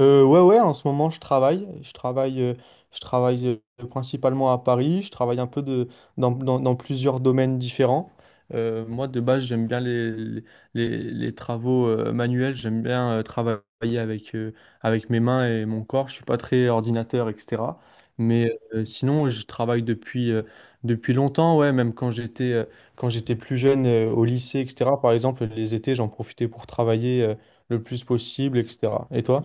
Ouais, ouais, en ce moment, Je travaille. Je travaille principalement à Paris. Je travaille dans plusieurs domaines différents. Moi, de base, j'aime bien les travaux manuels. J'aime bien travailler avec, euh, avec mes mains et mon corps. Je suis pas très ordinateur, etc. Mais sinon, je travaille depuis longtemps, ouais, même quand j'étais plus jeune au lycée, etc. Par exemple, les étés, j'en profitais pour travailler le plus possible, etc. Et toi?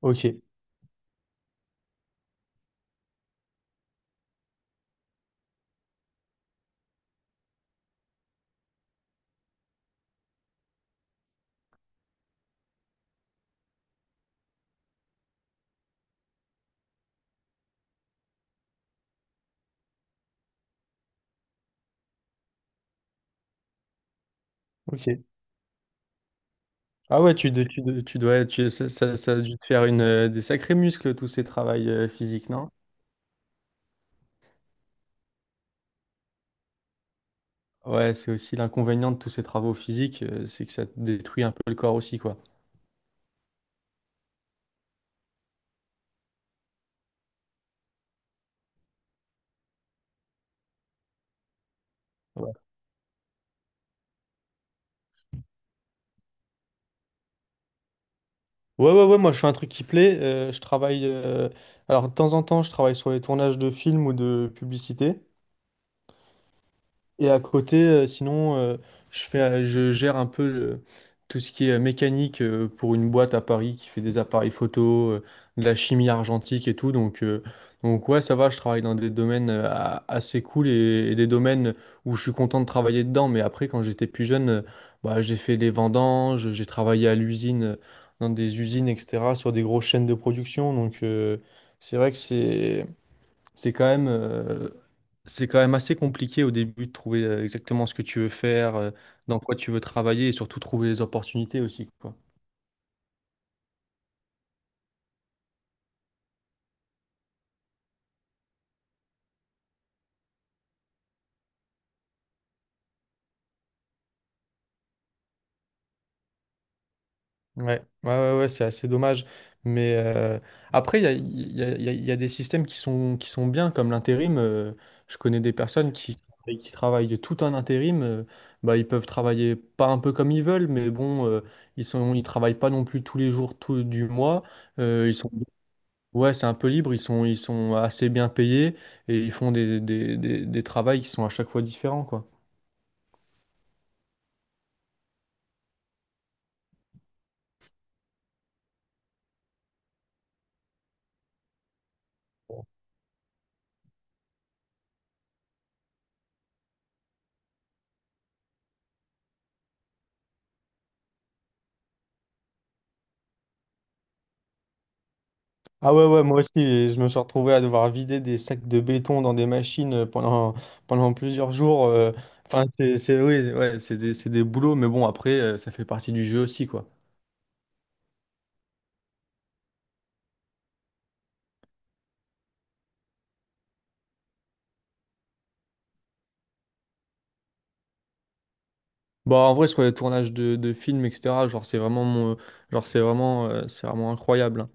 Ok, ok. Ah ouais, tu, de- tu, de- tu dois, tu, ça a dû te faire des sacrés muscles, tous ces travails physiques, non? Ouais, c'est aussi l'inconvénient de tous ces travaux physiques, c'est que ça te détruit un peu le corps aussi, quoi. Ouais, ouais, ouais, ouais, moi je fais un truc qui plaît. Je travaille. Alors, de temps en temps, je travaille sur les tournages de films ou de publicités. Et à côté, sinon, je gère un peu tout ce qui est mécanique pour une boîte à Paris qui fait des appareils photo, de la chimie argentique et tout. Donc, ouais, ça va, je travaille dans des domaines assez cool et des domaines où je suis content de travailler dedans. Mais après, quand j'étais plus jeune, bah, j'ai fait des vendanges, j'ai travaillé à l'usine, dans des usines, etc., sur des grosses chaînes de production. Donc, c'est vrai que c'est quand même... euh, c'est quand même assez compliqué au début de trouver exactement ce que tu veux faire, dans quoi tu veux travailler et surtout trouver les opportunités aussi, quoi. Ouais, ouais, ouais, ouais, c'est assez dommage. Mais après, il y a, il y a- il y a- il y a des systèmes qui sont bien, comme l'intérim. Je connais des personnes qui travaillent de tout un intérim. Bah, ils peuvent travailler pas un peu comme ils veulent, mais bon, ils travaillent pas non plus tous les jours tout, du mois. Ils sont Ouais, c'est un peu libre, ils sont assez bien payés et ils font des travails qui sont à chaque fois différents, quoi. Ah ouais, ouais, moi aussi, et je me suis retrouvé à devoir vider des sacs de béton dans des machines pendant plusieurs jours. Enfin, oui, ouais, c'est des boulots, mais bon, après, ça fait partie du jeu aussi, quoi. Bah, en vrai, sur les tournages de films, etc., genre, c'est vraiment incroyable. Hein.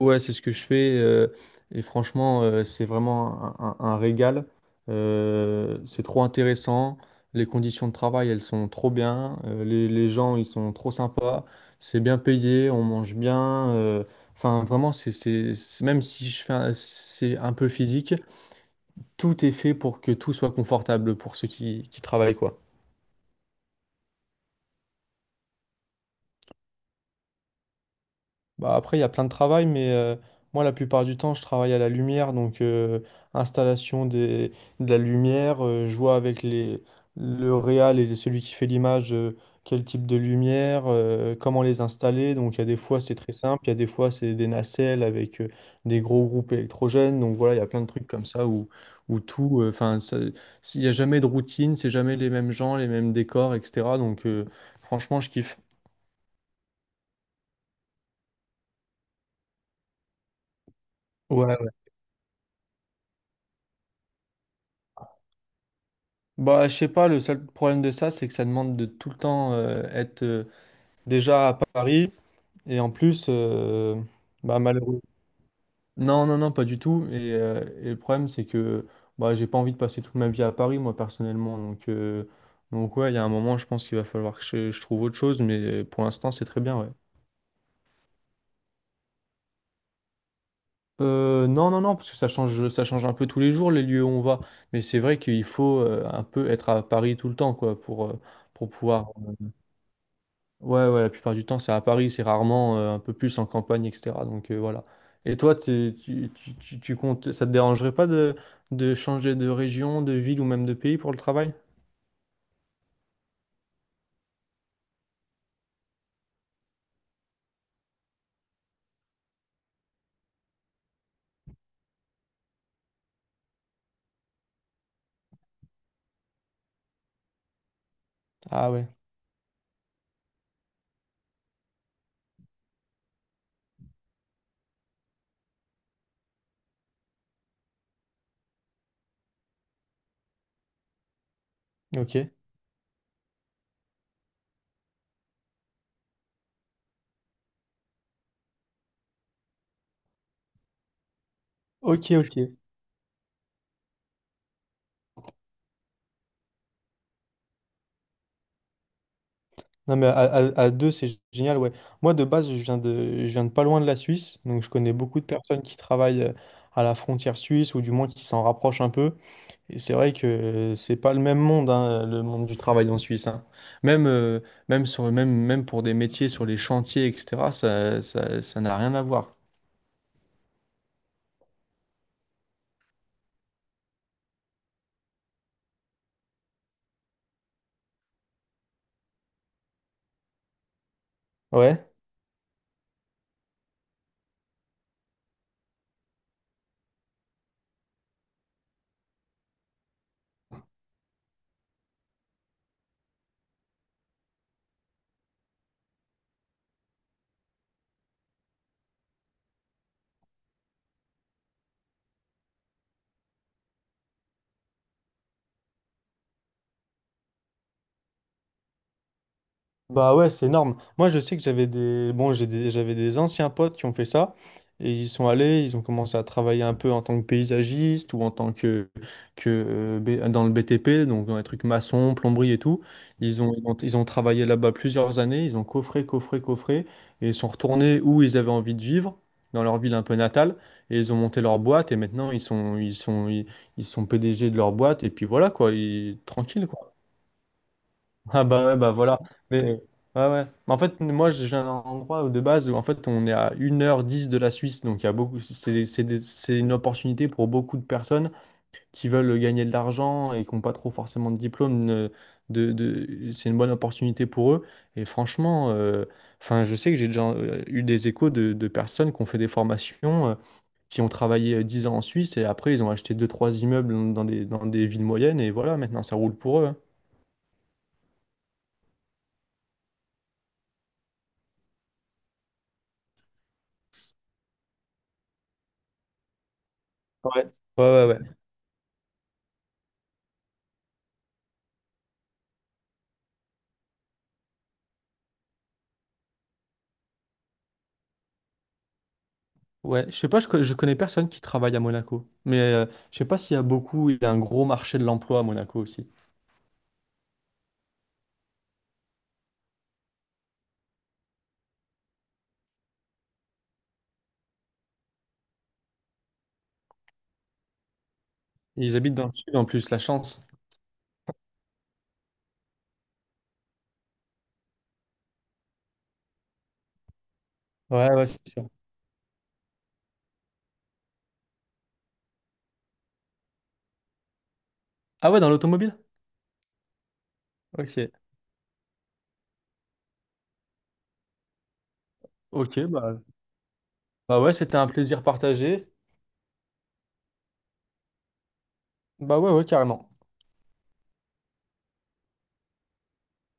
Ouais, c'est ce que je fais. Et franchement, c'est vraiment un régal. C'est trop intéressant. Les conditions de travail, elles sont trop bien. Les gens, ils sont trop sympas. C'est bien payé, on mange bien. Enfin, vraiment, même si je fais un- c'est un peu physique, tout est fait pour que tout soit confortable pour ceux qui travaillent, quoi. Bah après, il y a plein de travail, mais moi, la plupart du temps, je travaille à la lumière, donc installation des, de la lumière, je vois avec le réal et celui qui fait l'image, quel type de lumière, comment les installer. Donc il y a des fois, c'est très simple, il y a des fois, c'est des nacelles avec des gros groupes électrogènes. Donc voilà, il y a plein de trucs comme ça où tout, enfin, il n'y a jamais de routine, c'est jamais les mêmes gens, les mêmes décors, etc. Donc, franchement, je kiffe. Ouais. Bah, je sais pas, le seul problème de ça, c'est que ça demande de tout le temps être déjà à Paris et en plus, bah, malheureux. Non, non, non, pas du tout. Et le problème, c'est que bah, j'ai pas envie de passer toute ma vie à Paris, moi, personnellement. Donc ouais, il y a un moment, je pense qu'il va falloir que je trouve autre chose, mais pour l'instant, c'est très bien, ouais. Non, non, non, parce que ça change un peu tous les jours, les lieux où on va. Mais c'est vrai qu'il faut un peu être à Paris tout le temps, quoi, pour pouvoir. Ouais, ouais, la plupart du temps, c'est à Paris, c'est rarement un peu plus en campagne, etc. Donc, voilà. Et toi, tu comptes, ça te dérangerait pas de changer de région, de ville ou même de pays pour le travail? Ah ouais, ok. Ok, ok. Non mais à deux, c'est génial, ouais. Moi, de base, je viens de pas loin de la Suisse, donc je connais beaucoup de personnes qui travaillent à la frontière suisse, ou du moins qui s'en rapprochent un peu. Et c'est vrai que c'est pas le même monde, hein, le monde du travail en Suisse. Hein. Même, euh, même pour des métiers sur les chantiers, etc., ça n'a rien à voir. Ouais. Bah ouais, c'est énorme. Moi, je sais que Bon, j'avais des anciens potes qui ont fait ça. Ils ont commencé à travailler un peu en tant que paysagiste ou en tant que B- dans le BTP, donc dans les trucs maçons, plomberie et tout. Ils ont travaillé là-bas plusieurs années, ils ont coffré, coffré, coffré, et ils sont retournés où ils avaient envie de vivre, dans leur ville un peu natale, et ils ont monté leur boîte, et maintenant ils sont PDG de leur boîte, et puis voilà quoi, tranquille. Ah bah ouais, bah voilà. Mais ouais, ouais. Mais en fait, moi, j'ai un endroit où, de base où en fait on est à 1h10 de la Suisse, donc il y a beaucoup. C'est une opportunité pour beaucoup de personnes qui veulent gagner de l'argent et qui n'ont pas trop forcément de diplôme. C'est une bonne opportunité pour eux. Et franchement, enfin, je sais que j'ai déjà eu des échos de personnes qui ont fait des formations. Qui ont travaillé 10 ans en Suisse et après ils ont acheté deux trois immeubles dans des villes moyennes et voilà, maintenant ça roule pour eux. Hein. Ouais. Ouais, ouais, ouais. Ouais, je sais pas, je connais personne qui travaille à Monaco. Mais je sais pas s'il y a beaucoup, il y a un gros marché de l'emploi à Monaco aussi. Et ils habitent dans le sud en plus, la chance. Ouais, ouais, c'est sûr. Ah ouais, dans l'automobile? Ok. Ok, bah. Bah ouais, c'était un plaisir partagé. Bah ouais, ouais, carrément.